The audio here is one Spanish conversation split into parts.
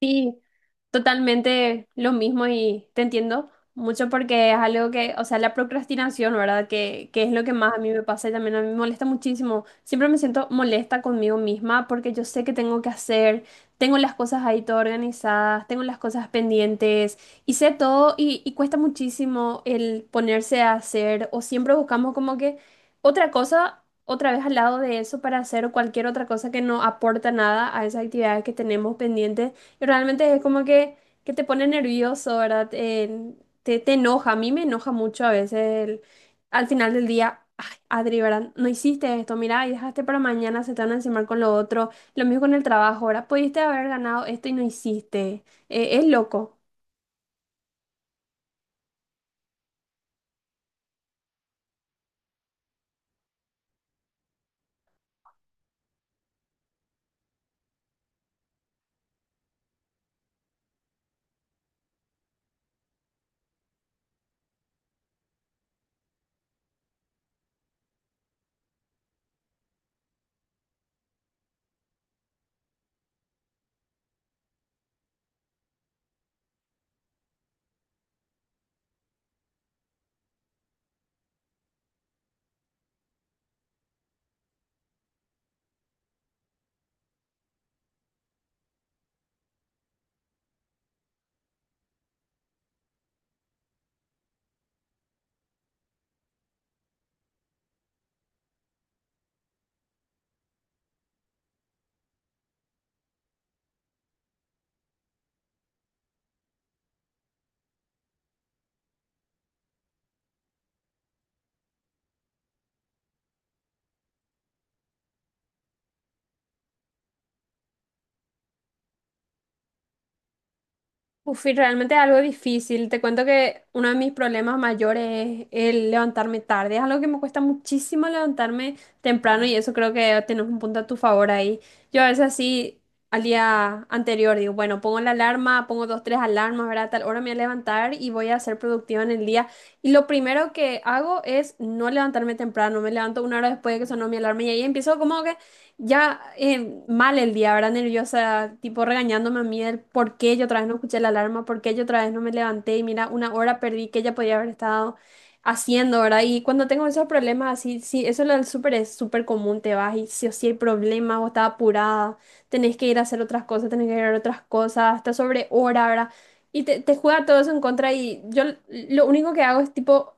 Sí, totalmente lo mismo y te entiendo mucho porque es algo que, la procrastinación, ¿verdad? Que es lo que más a mí me pasa y también a mí me molesta muchísimo. Siempre me siento molesta conmigo misma porque yo sé que tengo que hacer, tengo las cosas ahí todo organizadas, tengo las cosas pendientes y sé todo y cuesta muchísimo el ponerse a hacer o siempre buscamos como que otra cosa. Otra vez al lado de eso para hacer cualquier otra cosa que no aporta nada a esas actividades que tenemos pendientes. Y realmente es como que te pone nervioso, ¿verdad? Te, te enoja, a mí me enoja mucho a veces el- al final del día. Ay, Adri, ¿verdad? No hiciste esto, mira, y dejaste para mañana, se te van a encimar con lo otro. Lo mismo con el trabajo, ahora pudiste haber ganado esto y no hiciste. Es loco. Uf, y realmente es algo difícil. Te cuento que uno de mis problemas mayores es el levantarme tarde. Es algo que me cuesta muchísimo levantarme temprano y eso creo que tienes un punto a tu favor ahí. Yo a veces así al día anterior digo, bueno, pongo la alarma, pongo dos, tres alarmas, ¿verdad? A tal hora me voy a levantar y voy a ser productiva en el día. Y lo primero que hago es no levantarme temprano. Me levanto una hora después de que sonó mi alarma y ahí empiezo como que ya mal el día, ¿verdad? Nerviosa, tipo regañándome a mí el por qué yo otra vez no escuché la alarma, por qué yo otra vez no me levanté y mira, una hora perdí que ella podía haber estado haciendo, ¿verdad? Y cuando tengo esos problemas así, sí, eso lo del súper es súper común, te vas y sí o sí hay problemas o estás apurada, tenés que ir a hacer otras cosas, tenés que ir a otras cosas, hasta sobre hora, ¿verdad? Y te juega todo eso en contra y yo lo único que hago es tipo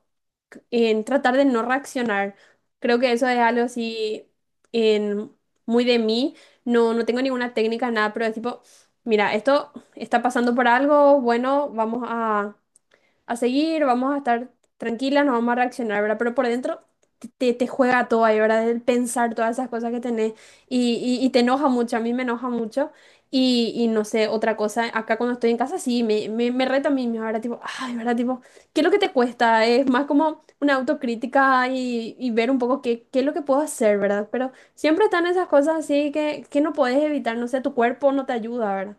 en tratar de no reaccionar. Creo que eso es algo así en, muy de mí. No, no tengo ninguna técnica, nada, pero es tipo, mira, esto está pasando por algo, bueno, vamos a seguir, vamos a estar tranquilas, no vamos a reaccionar, ¿verdad? Pero por dentro te, te juega todo ahí, ¿verdad? El pensar todas esas cosas que tenés y te enoja mucho, a mí me enoja mucho. Y no sé, otra cosa, acá cuando estoy en casa sí, me reto a mí misma, ¿verdad? Tipo, ay, ¿verdad? Tipo, ¿qué es lo que te cuesta? Es más como una autocrítica y ver un poco qué es lo que puedo hacer, ¿verdad? Pero siempre están esas cosas así que no puedes evitar, no sé, tu cuerpo no te ayuda, ¿verdad?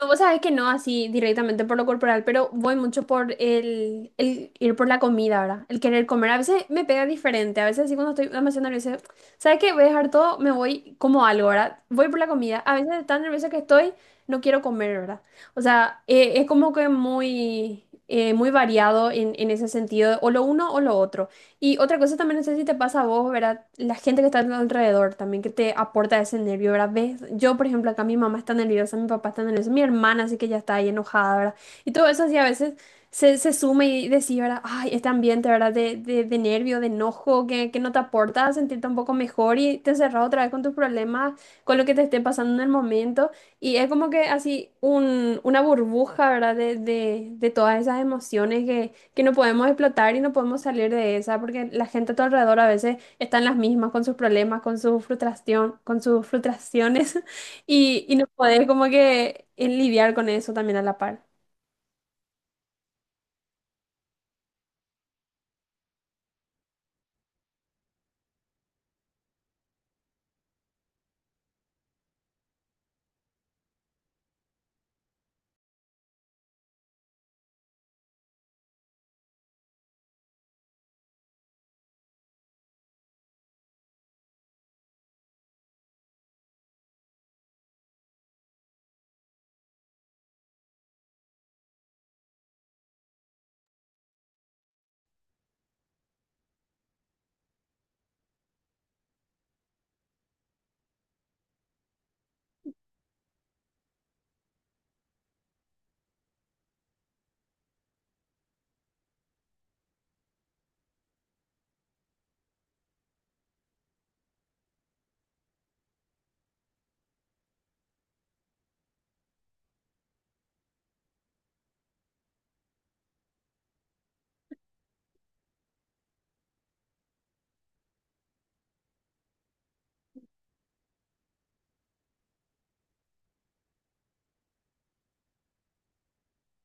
No, vos sabés que no así directamente por lo corporal, pero voy mucho por el ir por la comida, ¿verdad? El querer comer. A veces me pega diferente, a veces así cuando estoy demasiado nerviosa, ¿sabes qué? Voy a dejar todo, me voy como algo, ¿verdad? Voy por la comida. A veces tan nerviosa que estoy, no quiero comer, ¿verdad? O sea, es como que muy, muy variado en ese sentido, o lo uno o lo otro. Y otra cosa también, no sé si te pasa a vos, ¿verdad? La gente que está a tu alrededor también que te aporta ese nervio, ¿verdad? ¿Ves? Yo, por ejemplo, acá mi mamá está nerviosa, mi papá está nervioso, mi hermana así que ya está ahí enojada, ¿verdad? Y todo eso así a veces se suma y decís, ¿verdad? Ay, este ambiente, ¿verdad? De nervio, de enojo, que no te aporta a sentirte un poco mejor y te encerras otra vez con tus problemas, con lo que te esté pasando en el momento. Y es como que así una burbuja, ¿verdad? De todas esas emociones que no podemos explotar y no podemos salir de esa, porque la gente a tu alrededor a veces está en las mismas con sus problemas, con su frustración, con sus frustraciones y no podés como que lidiar con eso también a la par.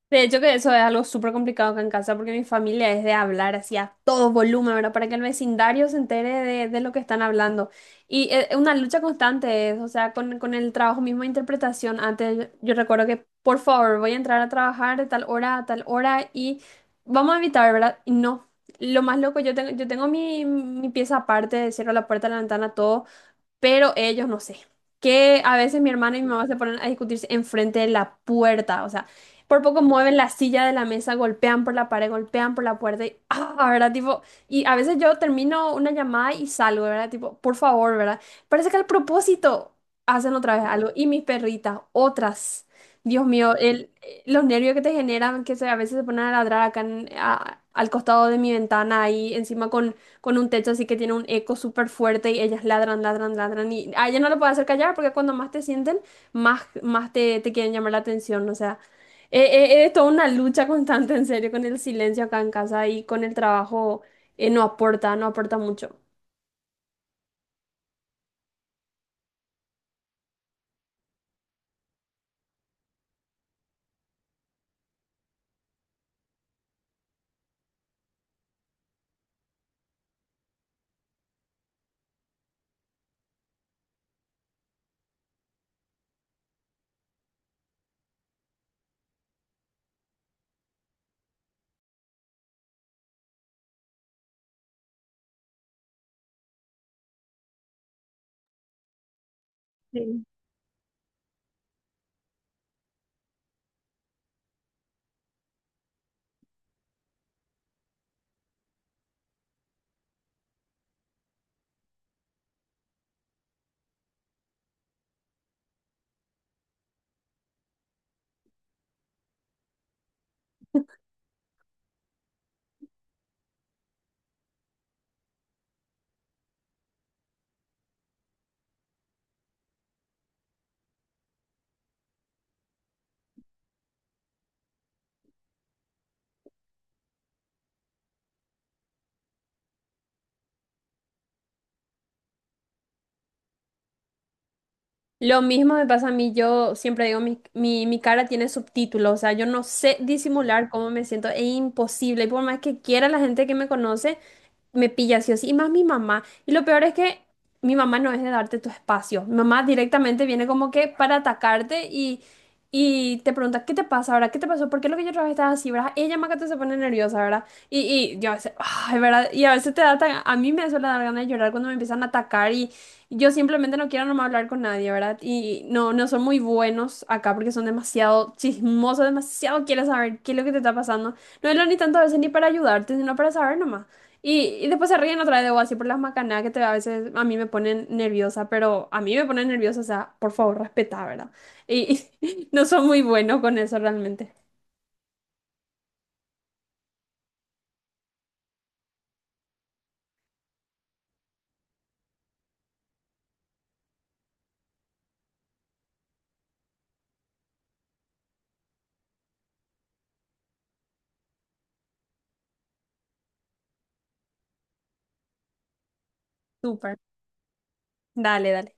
De hecho que eso es algo súper complicado acá en casa porque mi familia es de hablar así a todo volumen, ¿verdad? Para que el vecindario se entere de lo que están hablando. Y es una lucha constante, es, o sea, con el trabajo mismo de interpretación. Antes yo recuerdo que, por favor, voy a entrar a trabajar de tal hora a tal hora y vamos a evitar, ¿verdad? Y no. Lo más loco, yo tengo mi pieza aparte, cierro la puerta, la ventana, todo, pero ellos no sé. Que a veces mi hermana y mi mamá se ponen a discutirse enfrente de la puerta, o sea, por poco mueven la silla de la mesa, golpean por la pared, golpean por la puerta y, ah, ¿verdad? Tipo, y a veces yo termino una llamada y salgo, ¿verdad? Tipo, por favor, ¿verdad? Parece que al propósito hacen otra vez algo. Y mis perritas, otras. Dios mío, el, los nervios que te generan, que se, a veces se ponen a ladrar acá al costado de mi ventana, ahí encima con un techo así que tiene un eco súper fuerte y ellas ladran, ladran, ladran. Y a ellas no lo puedes hacer callar porque cuando más te sienten, más, más te, te quieren llamar la atención. O sea, eh, es toda una lucha constante, en serio, con el silencio acá en casa y con el trabajo, no aporta, no aporta mucho. Sí. Lo mismo me pasa a mí, yo siempre digo, mi cara tiene subtítulos, o sea, yo no sé disimular cómo me siento, es imposible, y por más que quiera la gente que me conoce, me pilla sí o sí, y más mi mamá. Y lo peor es que mi mamá no es de darte tu espacio. Mi mamá directamente viene como que para atacarte y te pregunta, ¿qué te pasa ahora? ¿Qué te pasó? ¿Por qué lo que yo otra vez estaba así, verdad? Ella más que todo se pone nerviosa, ¿verdad? Y, y yo a veces, ay, ¿verdad? Y a veces a mí me suele dar ganas de llorar cuando me empiezan a atacar y yo simplemente no quiero nomás hablar con nadie, ¿verdad? Y no, no son muy buenos acá porque son demasiado chismosos, demasiado quieren saber qué es lo que te está pasando. No es lo ni tanto a veces ni para ayudarte, sino para saber nomás. Y después se ríen otra vez de vos, así por las macanadas que te, a veces a mí me ponen nerviosa, pero a mí me ponen nerviosa, o sea, por favor, respetá, ¿verdad? Y y no son muy buenos con eso realmente. Súper. Dale, dale.